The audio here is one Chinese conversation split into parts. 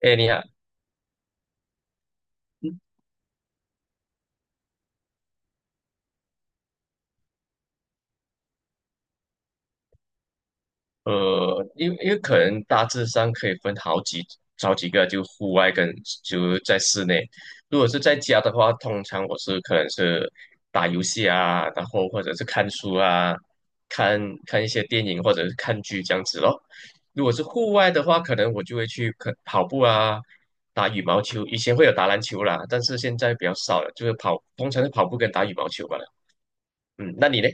哎，你好。因为可能大致上可以分好几个，就户外跟就在室内。如果是在家的话，通常我是可能是打游戏啊，然后或者是看书啊，看看一些电影或者是看剧这样子咯。如果是户外的话，可能我就会去可跑步啊，打羽毛球。以前会有打篮球啦，但是现在比较少了，就是跑，通常是跑步跟打羽毛球罢了。嗯，那你呢？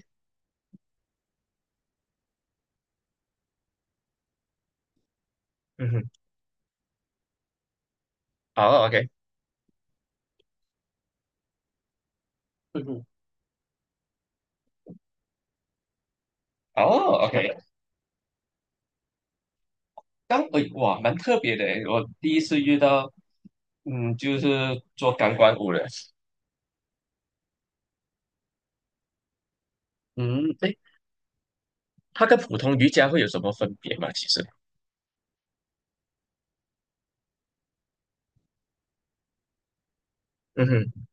嗯哼。哦，OK。嗯哼。哦，OK， 刚哎哇，蛮特别的诶，我第一次遇到，嗯，就是做钢管舞的。嗯，哎，它跟普通瑜伽会有什么分别吗？其实，嗯哼。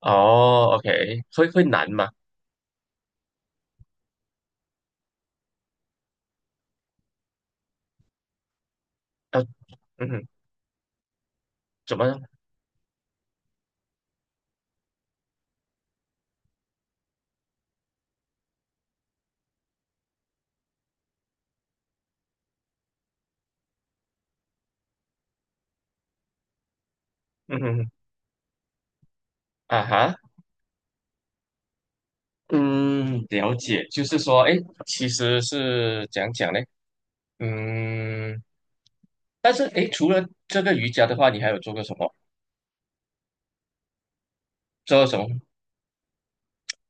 哦，OK，会会难吗？啊，嗯哼，怎么，嗯哼，啊哈。嗯，了解，就是说，哎，其实是讲讲呢。嗯，但是哎，诶除了这个瑜伽的话，你还有做过什么？做过什么？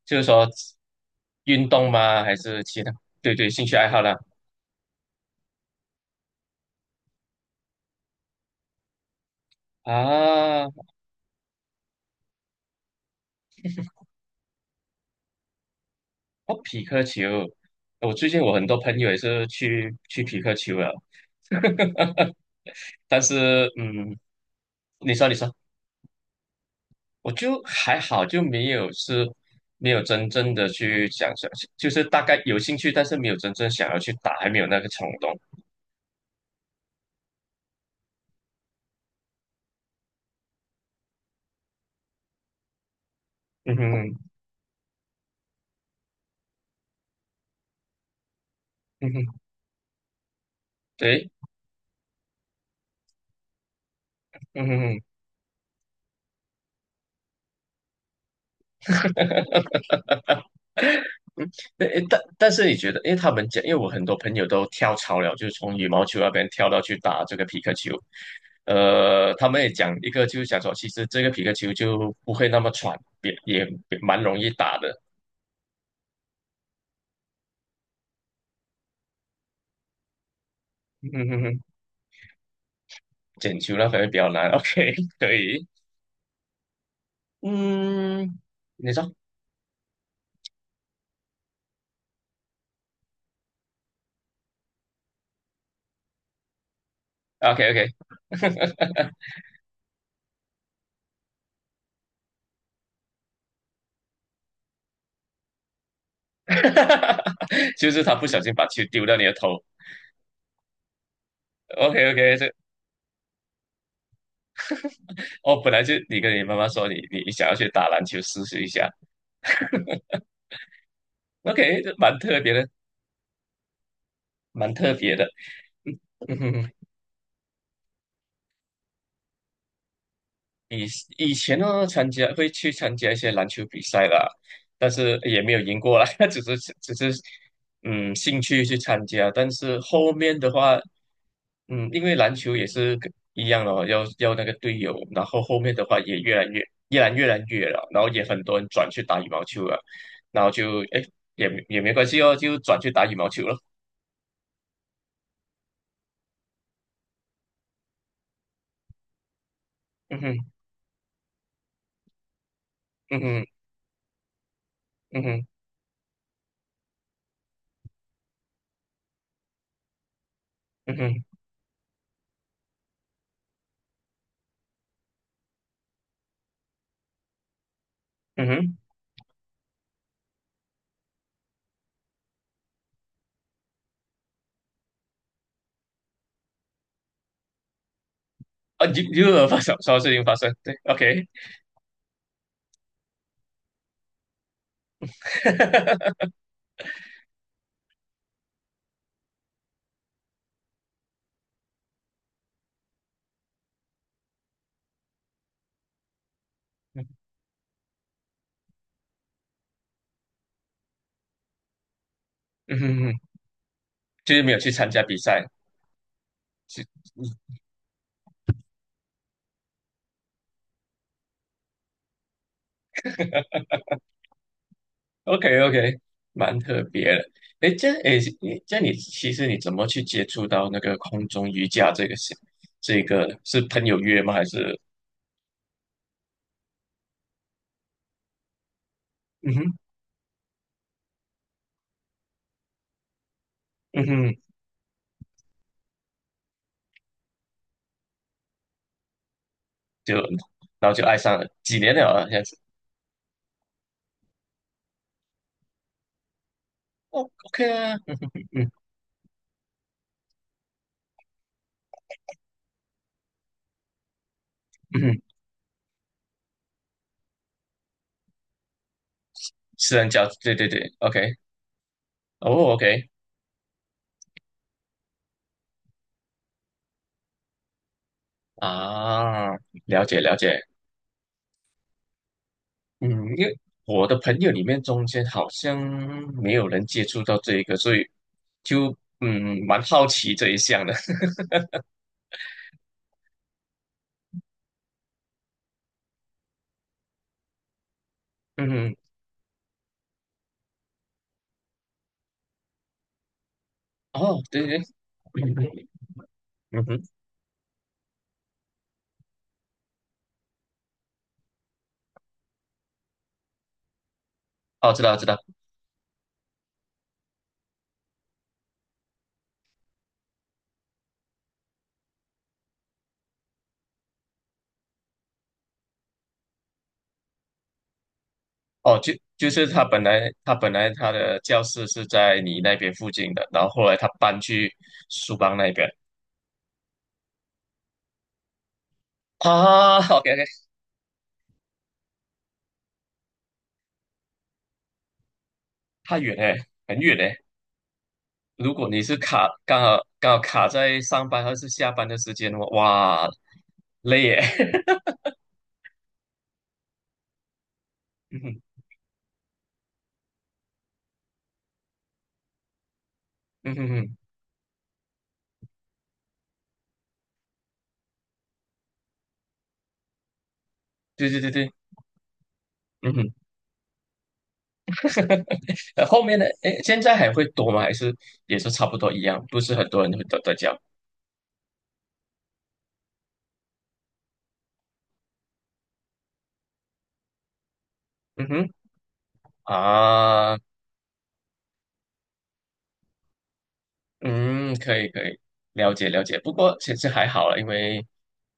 就是说运动吗？还是其他？对对，兴趣爱好啦。啊，哦，匹克球，我最近我很多朋友也是去匹克球了。但是嗯，你说你说，我就还好，就没有是没有真正的去想想，就是大概有兴趣，但是没有真正想要去打，还没有那个冲动。嗯哼，嗯哼，对，嗯哼嗯哼。嗯，但诶但但是你觉得，因为他们讲，因为我很多朋友都跳槽了，就是从羽毛球那边跳到去打这个皮克球。他们也讲一个，就是讲说，其实这个皮克球就不会那么喘，也蛮容易打的。嗯哼哼，捡球那可能比较难。OK，可以，你说。OK OK，就是他不小心把球丢到你的头。OK OK，这哦，本来就你跟你妈妈说你你想要去打篮球试试一下。OK，这蛮特别的，蛮特别的。嗯哼哼，以以前呢，参加会去参加一些篮球比赛啦，但是也没有赢过啦，只是嗯兴趣去参加。但是后面的话，嗯，因为篮球也是跟一样哦，要要那个队友，然后后面的话也越来越了，然后也很多人转去打羽毛球了，然后就哎也没关系哦，就转去打羽毛球了。嗯哼，嗯哼，嗯哼，嗯哼，嗯哼，啊，又有发生什么事情发生？对，OK。嗯哼嗯哼，就是没有去参加比赛，是，OK OK，蛮特别的。哎，这哎，你这你其实你怎么去接触到那个空中瑜伽，这个是这个是朋友约吗？还是嗯哼嗯哼，就然后就爱上了，几年了啊，这样子。哦，OK 啊。嗯，嗯哼，私人教，对对对，OK。哦，OK 啊，了解了解。嗯，因为我的朋友里面中间好像没有人接触到这一个，所以就嗯蛮好奇这一项的。嗯，哦，对对，对，嗯哼。哦，知道知道。哦，就就是他本来他本来他的教室是在你那边附近的，然后后来他搬去苏邦那边。啊，OK OK，太远嘞，很远嘞。如果你是卡刚好刚好卡在上班还是下班的时间的话，哇，累耶。嗯哼嗯哼，对对对对，嗯哼。后面的诶，现在还会多吗？还是也是差不多一样？不是很多人会都在教。嗯哼，啊，嗯，可以可以，了解了解。不过其实还好了，因为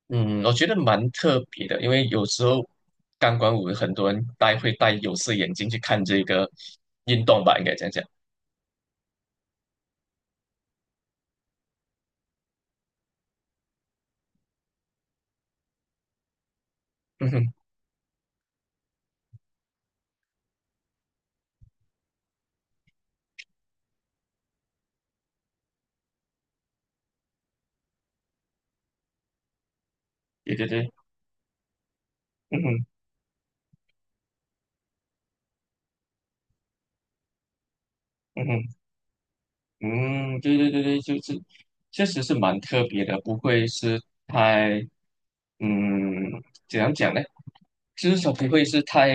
嗯，我觉得蛮特别的，因为有时候钢管舞很多人戴会戴有色眼镜去看这个运动吧，应该这样讲。嗯哼，对对对，嗯哼嗯哼。嗯，对对对对，就是确实是蛮特别的，不会是太，嗯，怎样讲呢？就是说不会是太，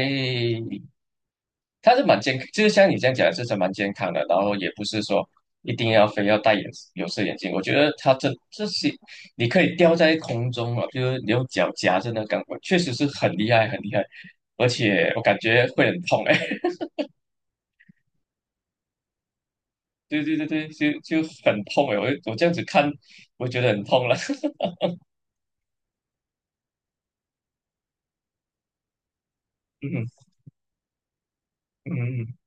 它是蛮健康，就是像你这样讲，就是蛮健康的，然后也不是说一定要非要戴眼有色眼镜，我觉得它这些你可以吊在空中啊，就是你用脚夹着那钢管，确实是很厉害很厉害，而且我感觉会很痛哎、对对对对，就就很痛哎、我我这样子看，我觉得很痛了。嗯哼嗯哼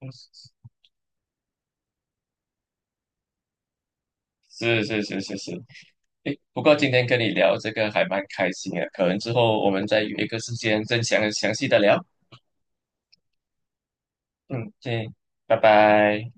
嗯，是是是是是，诶，不过今天跟你聊这个还蛮开心的，可能之后我们再约一个时间再详详细的聊。嗯，对，拜拜。